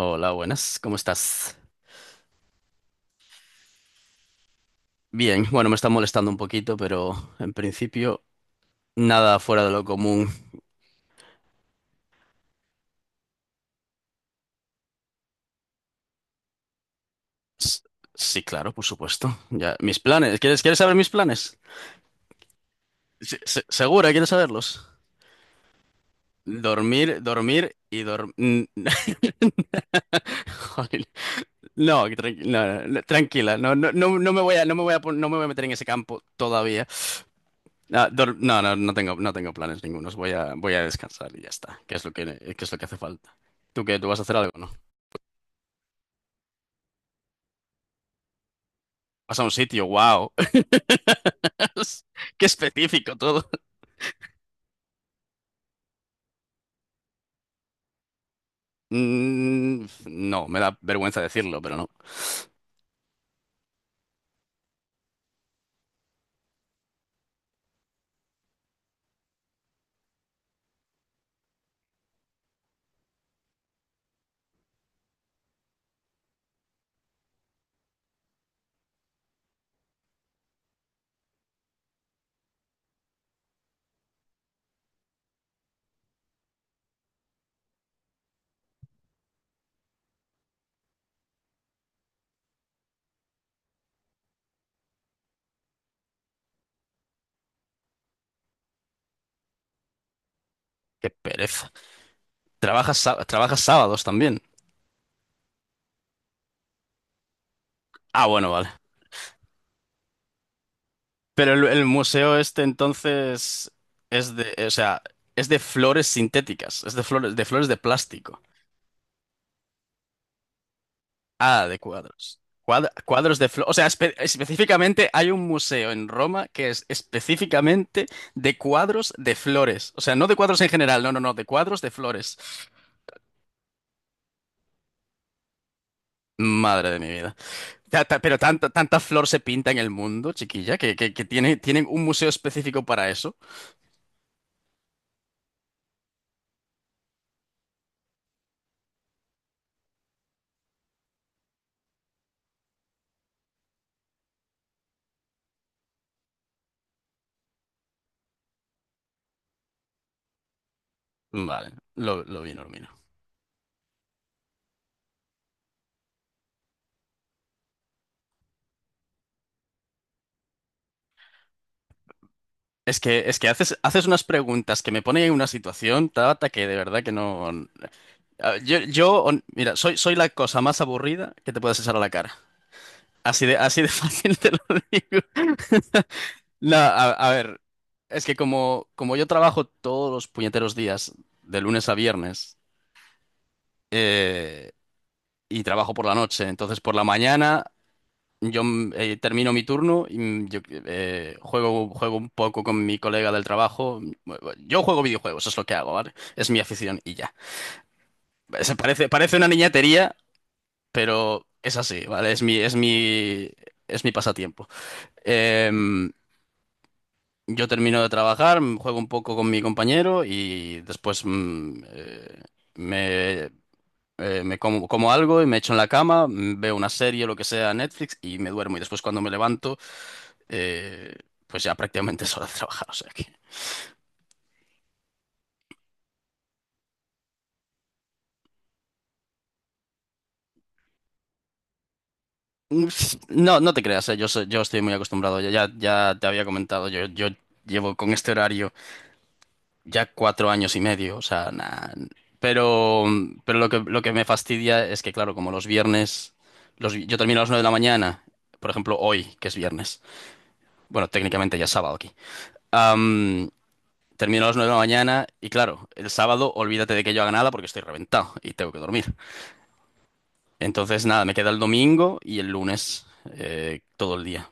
Hola, buenas, ¿cómo estás? Bien, bueno, me está molestando un poquito, pero en principio nada fuera de lo común. S- Sí, claro, por supuesto. Ya, mis planes, ¿quieres saber mis planes? ¿Segura? ¿Quieres saberlos? Dormir, dormir y dormir. No, no, no, no, tranquila, no, no, no, no me voy a, pon- no me voy a meter en ese campo todavía. No, no tengo planes ningunos. Voy a descansar y ya está. ¿Qué es lo que hace falta? ¿Tú qué? ¿Tú vas a hacer algo, no? Vas a un sitio, wow. Qué específico todo. No, me da vergüenza decirlo, pero no. Qué pereza. ¿Trabajas sábados también? Ah, bueno, vale. Pero el museo este entonces es de, o sea, es de flores sintéticas, de flores de plástico. Ah, de cuadros. Cuadros de flores. O sea, específicamente hay un museo en Roma que es específicamente de cuadros de flores. O sea, no de cuadros en general, no, no, no, de cuadros de flores. Madre de mi vida. Pero tanta flor se pinta en el mundo, chiquilla, que tienen un museo específico para eso. Vale, lo vi, Normino. Es que haces unas preguntas que me ponen en una situación, Tabata, que de verdad que no. Ah, mira, soy la cosa más aburrida que te puedes echar a la cara. Así de fácil te lo digo. No, a ver, es que como yo trabajo todos los puñeteros días, de lunes a viernes, eh, y trabajo por la noche, entonces por la mañana yo termino mi turno y juego un poco con mi colega del trabajo. Yo juego videojuegos, es lo que hago, ¿vale? Es mi afición y ya. Parece una niñatería, pero es así, ¿vale? Es mi pasatiempo. Eh, Yo termino de trabajar, juego un poco con mi compañero y después me, como algo y me echo en la cama, veo una serie o lo que sea, Netflix y me duermo. Y después cuando me levanto, eh, pues ya prácticamente es hora de trabajar. O sea que... Mm, No, no te creas, yo estoy muy acostumbrado. Ya te había comentado, yo llevo con este horario. Ya cuatro años y medio, o sea, na- Pero, lo que me fastidia es que, claro, como los viernes, yo termino a las nueve de la mañana, por ejemplo, hoy, que es viernes, bueno, técnicamente ya es sábado aquí, am, termino a las nueve de la mañana y, claro, el sábado olvídate de que yo haga nada porque estoy reventado y tengo que dormir. Entonces, nada, me queda el domingo y el lunes todo el día.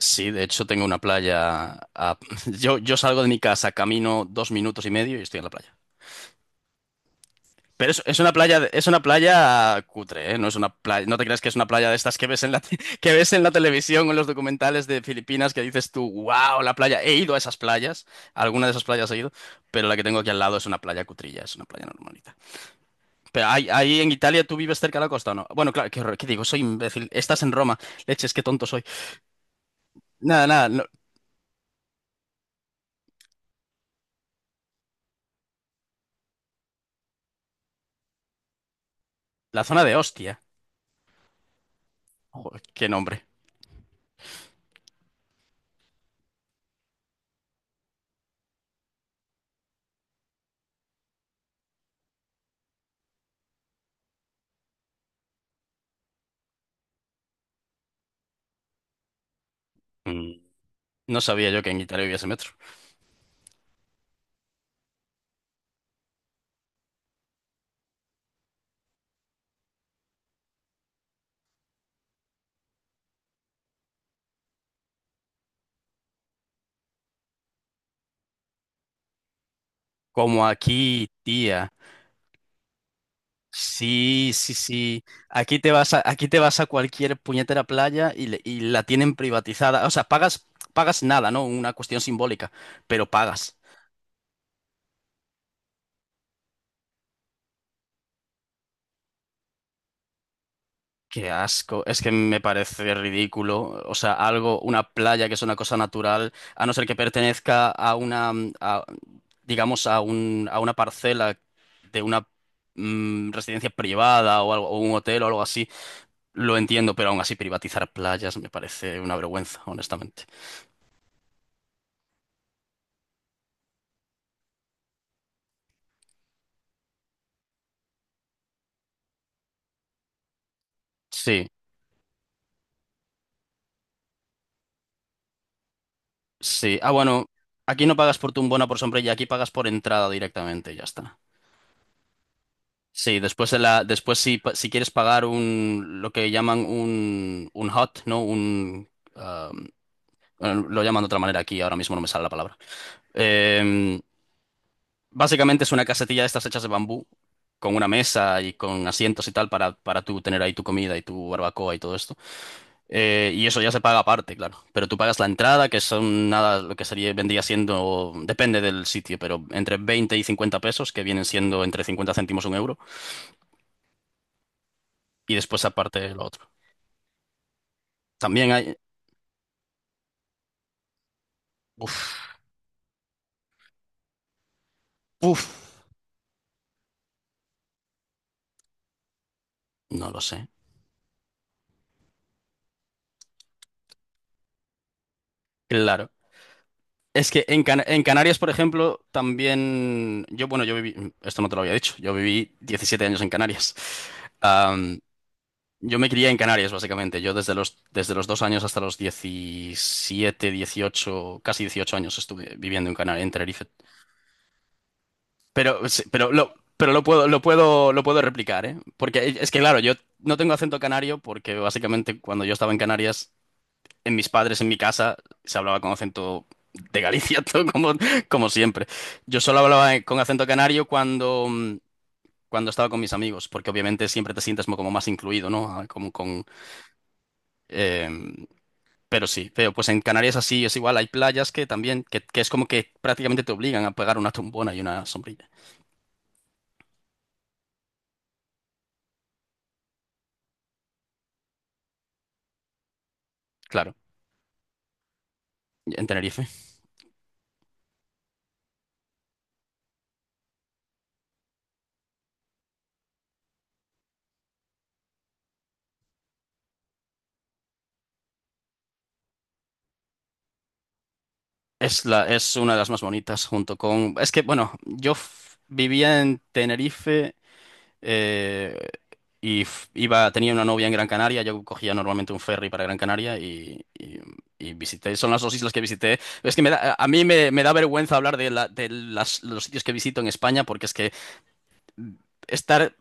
Sí, de hecho, tengo una playa. Yo salgo de mi casa, camino dos minutos y medio y estoy en la playa. Pero es una playa, es una playa cutre, ¿eh? No es una playa, no te creas que es una playa de estas que ves en que ves en la televisión o en los documentales de Filipinas que dices tú, wow, la playa. He ido a esas playas, a alguna de esas playas he ido, pero la que tengo aquí al lado es una playa cutrilla, es una playa normalita. Pero ahí, ahí en Italia, ¿tú vives cerca de la costa o no? Bueno, claro, qué, horror, ¿qué digo? Soy imbécil. Estás en Roma. Leches, qué tonto soy. Nada, nada, no- la zona de Ostia. Joder, qué nombre. Mm. No sabía yo que en Italia hubiese metro. Como aquí, tía. Sí, sí, sí. Aquí te vas a cualquier puñetera playa y la tienen privatizada. O sea, pagas, pagas nada, ¿no? Una cuestión simbólica, pero pagas. Qué asco. Es que me parece ridículo. O sea, algo, una playa que es una cosa natural, a no ser que pertenezca a digamos, a a una parcela de una residencia privada o algo, o un hotel o algo así. Lo entiendo, pero aún así privatizar playas me parece una vergüenza, honestamente. Sí. Sí. Ah, bueno, aquí no pagas por tumbona o por sombrilla, aquí pagas por entrada directamente, ya está. Sí, después si, pa- si quieres pagar lo que llaman un hot, ¿no? Ah, bueno, lo llaman de otra manera aquí, ahora mismo no me sale la palabra. Em, Básicamente es una casetilla de estas hechas de bambú, con una mesa y con asientos y tal para tú tener ahí tu comida y tu barbacoa y todo esto. Y eso ya se paga aparte, claro. Pero tú pagas la entrada, que son nada, lo que sería, vendría siendo, depende del sitio, pero entre 20 y 50 pesos, que vienen siendo entre 50 céntimos un euro, y después aparte lo otro. También hay... Uf, uf, no lo sé. Claro. Es que en, en Canarias, por ejemplo, también yo, bueno, yo viví, esto no te lo había dicho, yo viví 17 años en Canarias. Am, yo me crié en Canarias, básicamente. Yo desde los dos años hasta los 17, 18, casi 18 años estuve viviendo en Canarias, en Tenerife. Pero, sí, pero, lo puedo replicar, ¿eh? Porque es que, claro, yo no tengo acento canario porque básicamente cuando yo estaba en Canarias en mis padres, en mi casa, se hablaba con acento de Galicia, todo como, como siempre. Yo solo hablaba con acento canario cuando, cuando estaba con mis amigos, porque obviamente siempre te sientes como más incluido, ¿no? Ah, Como con... em, pero sí, pero pues en Canarias así es igual, hay playas que también, que es como que prácticamente te obligan a pegar una tumbona y una sombrilla. Claro, en Tenerife. Es es una de las más bonitas junto con... Es que, bueno, vivía en Tenerife. Eh, iba, tenía una novia en Gran Canaria, yo cogía normalmente un ferry para Gran Canaria y visité, son las dos islas que visité. Es que a me da vergüenza hablar de, los sitios que visito en España porque es que estar,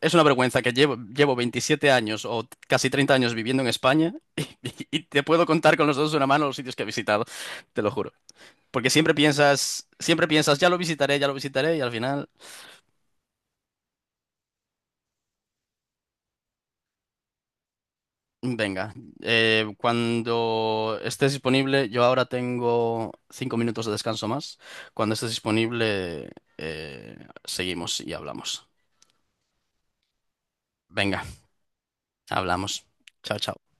es una vergüenza que llevo, llevo 27 años o casi 30 años viviendo en España, y te puedo contar con los dedos de una mano los sitios que he visitado, te lo juro. Porque siempre piensas, ya lo visitaré y al final... Venga, cuando estés disponible, yo ahora tengo cinco minutos de descanso más. Cuando estés disponible, eh, seguimos y hablamos. Venga, hablamos. Chao, chao.